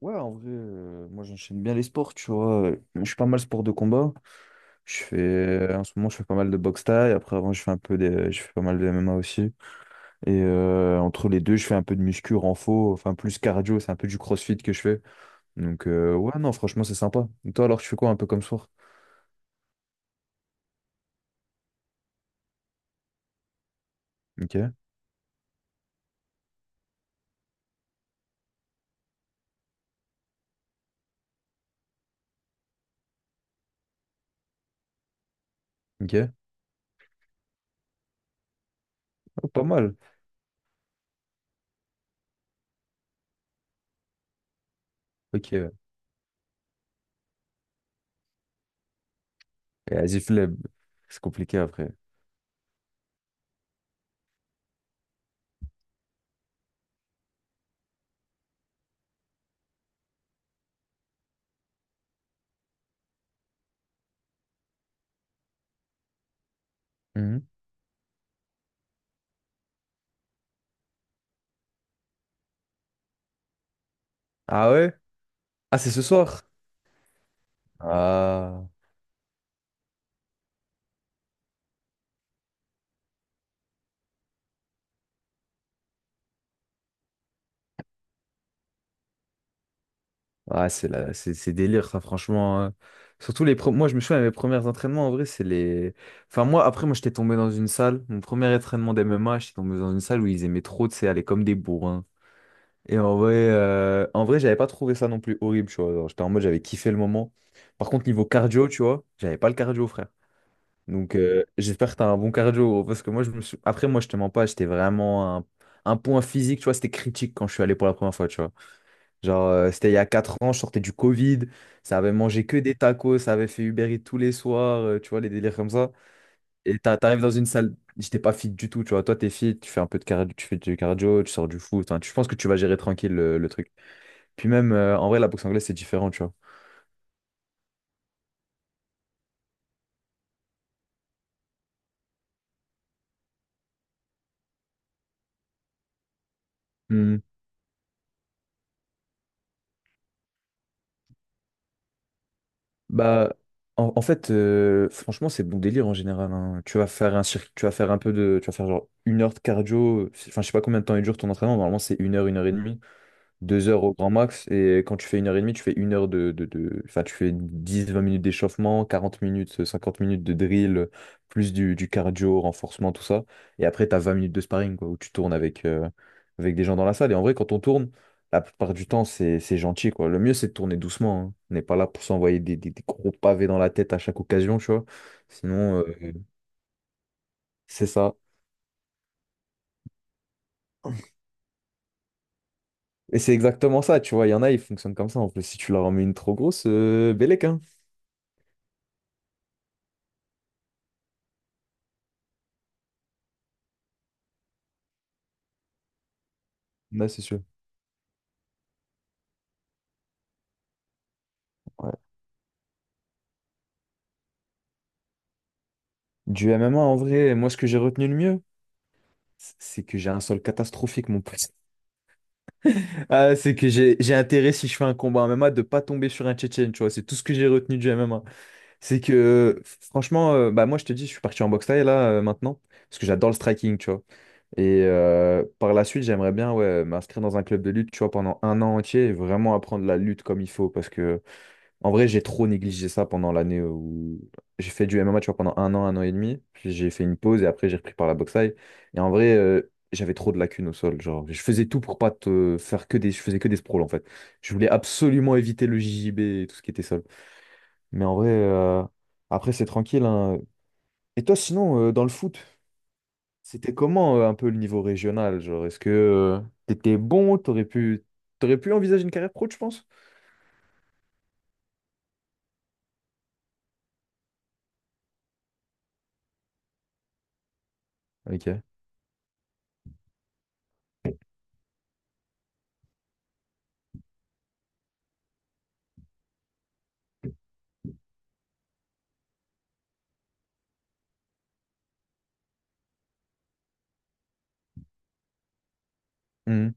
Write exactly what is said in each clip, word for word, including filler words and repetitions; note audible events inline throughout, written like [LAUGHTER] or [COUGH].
Ouais, en vrai, euh, moi j'enchaîne bien les sports, tu vois. Je suis pas mal sport de combat. Je fais, en ce moment, je fais pas mal de boxe thaï. Après, avant, je fais un peu des, je fais pas mal de M M A aussi. Et euh, entre les deux, je fais un peu de muscu, renfo, enfin plus cardio, c'est un peu du crossfit que je fais. Donc, euh, ouais, non, franchement, c'est sympa. Et toi, alors, tu fais quoi un peu comme sport? Ok, ok. Oh, pas mal. Ok, ouais. Et vas-y, flemme. C'est compliqué après. Mhm. Ah ouais? Ah, c'est ce soir? Ah. Ah, c'est la- c'est c'est délire, ça, franchement, hein. Surtout les pro- Moi, je me souviens, mes premiers entraînements, en vrai, c'est les. Enfin, moi, après, moi, j'étais tombé dans une salle. Mon premier entraînement d'M M A, j'étais tombé dans une salle où ils aimaient trop, tu sais, aller comme des bourrins. Et en vrai, euh, en vrai, j'avais pas trouvé ça non plus horrible, tu vois. Genre, j'étais en mode, j'avais kiffé le moment. Par contre, niveau cardio, tu vois, j'avais pas le cardio, frère. Donc, euh, j'espère que t'as un bon cardio, gros, parce que moi, je me suis. Après, moi, je te mens pas, j'étais vraiment un. Un point physique, tu vois, c'était critique quand je suis allé pour la première fois, tu vois. Genre, euh, c'était il y a quatre ans, je sortais du Covid, ça avait mangé que des tacos, ça avait fait Uber Eats tous les soirs, euh, tu vois, les délires comme ça. Et t'a- t'arrives dans une salle, j'étais pas fit du tout, tu vois. Toi, t'es fit, tu fais un peu de cardio, tu fais du cardio, tu sors du foot, hein, tu je pense que tu vas gérer tranquille le, le truc. Puis même, euh, en vrai, la boxe anglaise, c'est différent, tu vois. Hmm. Bah, en, en fait, euh, franchement, c'est bon délire en général, hein. Tu vas faire un circuit, tu vas faire un peu de, tu vas faire genre une heure de cardio, enfin, je sais pas combien de temps il dure ton entraînement, normalement, c'est une heure, une heure et demie. Deux heures au grand max. Et quand tu fais une heure et demie, tu fais une heure de, de, de- enfin, tu fais dix vingt minutes d'échauffement, quarante minutes, euh, cinquante minutes de drill, plus du, du cardio, renforcement, tout ça. Et après, tu as vingt minutes de sparring, quoi, où tu tournes avec, euh, avec des gens dans la salle. Et en vrai, quand on tourne, la plupart du temps, c'est, c'est gentil, quoi. Le mieux, c'est de tourner doucement, hein. On n'est pas là pour s'envoyer des, des- des gros pavés dans la tête à chaque occasion, tu vois. Sinon, euh, c'est ça. Et c'est exactement ça, tu vois. Il y en a, ils fonctionnent comme ça. En plus, si tu leur en mets une trop grosse, euh, bellec, hein. Là, c'est sûr. Du M M A, en vrai, moi, ce que j'ai retenu le mieux, c- c'est que j'ai un sol catastrophique, mon pote. [LAUGHS] Ah, c'est que j'ai j'ai intérêt, si je fais un combat en M M A, de pas tomber sur un Tchétchène, tu vois. C'est tout ce que j'ai retenu du M M A. C'est que, euh, f- franchement, euh, bah, moi, je te dis, je suis parti en boxe thaï, là, euh, maintenant, parce que j'adore le striking, tu vois. Et euh, par la suite, j'aimerais bien, ouais, m'inscrire dans un club de lutte, tu vois, pendant un an entier et vraiment apprendre la lutte comme il faut, parce que en vrai, j'ai trop négligé ça pendant l'année où j'ai fait du M M A, tu vois, pendant un an, un an et demi. Puis j'ai fait une pause et après j'ai repris par la boxe thaï. Et en vrai, euh, j'avais trop de lacunes au sol. Genre, je faisais tout pour pas te faire que des, je faisais que des sprawls en fait. Je voulais absolument éviter le J J B et tout ce qui était sol. Mais en vrai, euh, après c'est tranquille, hein. Et toi, sinon, euh, dans le foot, c'était comment euh, un peu le niveau régional? Genre, est-ce que euh, t'étais bon? T'aurais pu, t'aurais pu envisager une carrière pro, tu penses? Ok. Mhm.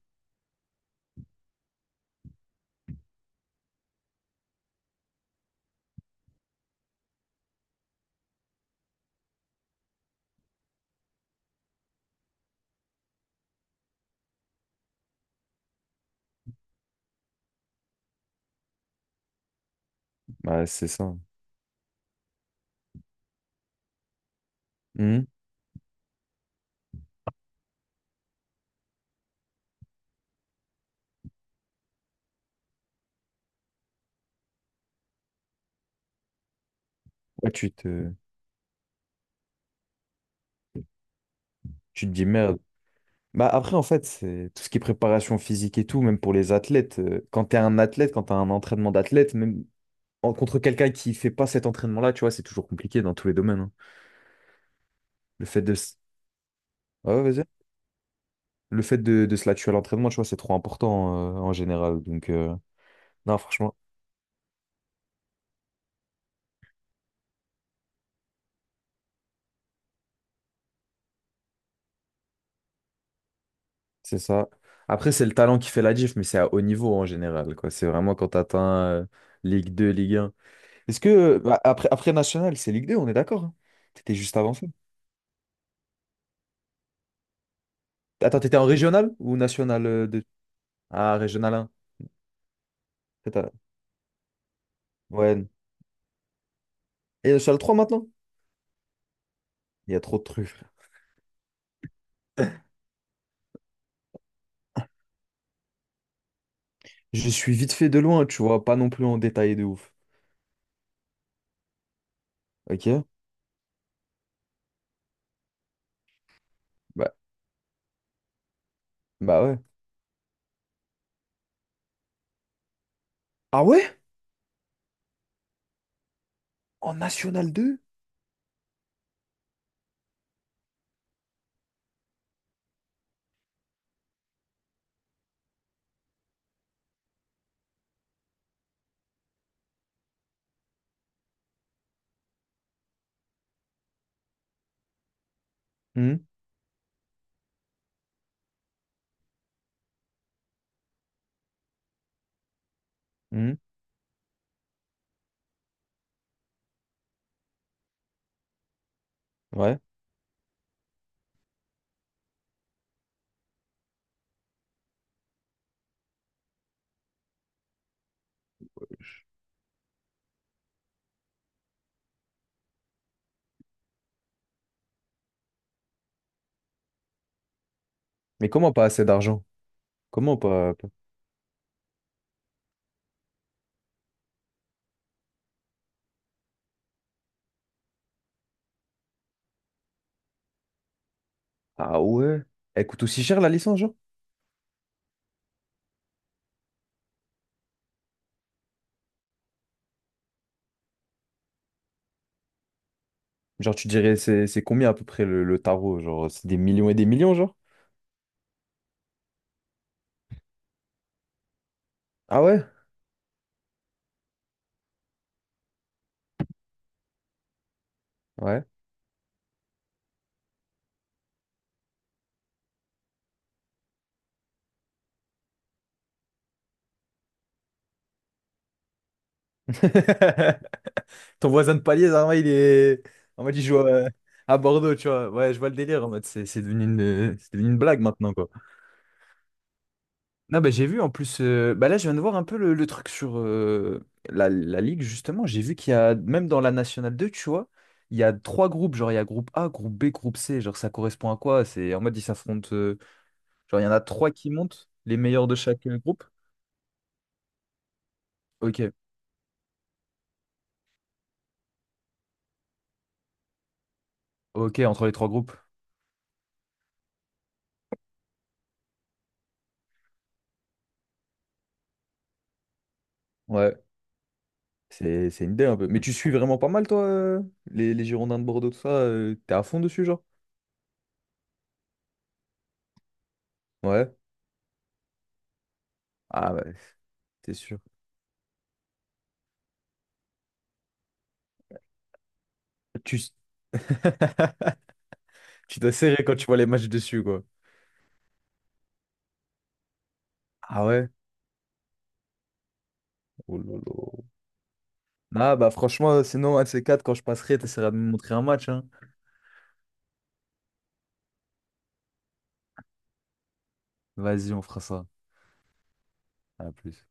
Bah, c'est ça. Hmm. Ouais, tu te, tu te dis merde. Bah après, en fait, c'est tout ce qui est préparation physique et tout, même pour les athlètes. euh, Quand t'es un athlète, quand t'as un entraînement d'athlète, même en- contre quelqu'un qui fait pas cet entraînement-là, tu vois, c'est toujours compliqué dans tous les domaines, hein. Le fait de, s- Ouais, ouais, vas-y. Le fait de, de se la tuer à l'entraînement, tu vois, c'est trop important euh, en général. Donc, euh, non, franchement, c'est ça. Après, c'est le talent qui fait la diff, mais c'est à haut niveau en général, quoi. C'est vraiment quand t'atteins euh, Ligue deux Ligue un. Est-ce que, bah, après, après National, c'est Ligue deux on est d'accord, hein. T'étais juste avant. Attends, t'étais en régional ou national euh, de- Ah, régional un. Peut-être, euh, ouais. Et national trois maintenant? Il y a trop de trucs. [LAUGHS] Frère. Je suis vite fait de loin, tu vois, pas non plus en détail de ouf. Ok? Bah, bah ouais. Ah ouais? En national deux. Hum, hum. Ouais. Mais comment pas assez d'argent? Comment pas, pas? Ah ouais? Elle coûte aussi cher la licence, genre? Genre, tu dirais, c'est c'est combien à peu près le, le tarot? Genre, c'est des millions et des millions, genre? Ah ouais? Ouais. [LAUGHS] Ton voisin de palier, en mode, il est. En mode, il joue euh, à Bordeaux, tu vois. Ouais, je vois le délire. En mode, c'est c'est devenu une... c'est devenu une blague maintenant, quoi. Non, bah, j'ai vu en plus, euh, bah, là je viens de voir un peu le, le truc sur euh, la, la Ligue justement, j'ai vu qu'il y a, même dans la Nationale deux tu vois, il y a trois groupes, genre il y a groupe A, groupe B, groupe C, genre ça correspond à quoi? C'est en mode ils s'affrontent, euh, genre il y en a trois qui montent, les meilleurs de chaque euh, groupe. Ok, ok, entre les trois groupes. Ouais. C'est c'est une idée un peu. Mais tu suis vraiment pas mal, toi, euh, les, les Girondins de Bordeaux, tout ça. Euh, t'es à fond dessus, genre? Ouais. Ah ouais, c'est sûr. Tu, s- [LAUGHS] Tu dois serrer quand tu vois les matchs dessus, quoi. Ah ouais? Oh là là. Ah bah franchement, sinon, un de ces quatre, quand je passerai, t'essaieras de me montrer un match, hein. Vas-y, on fera ça. À plus.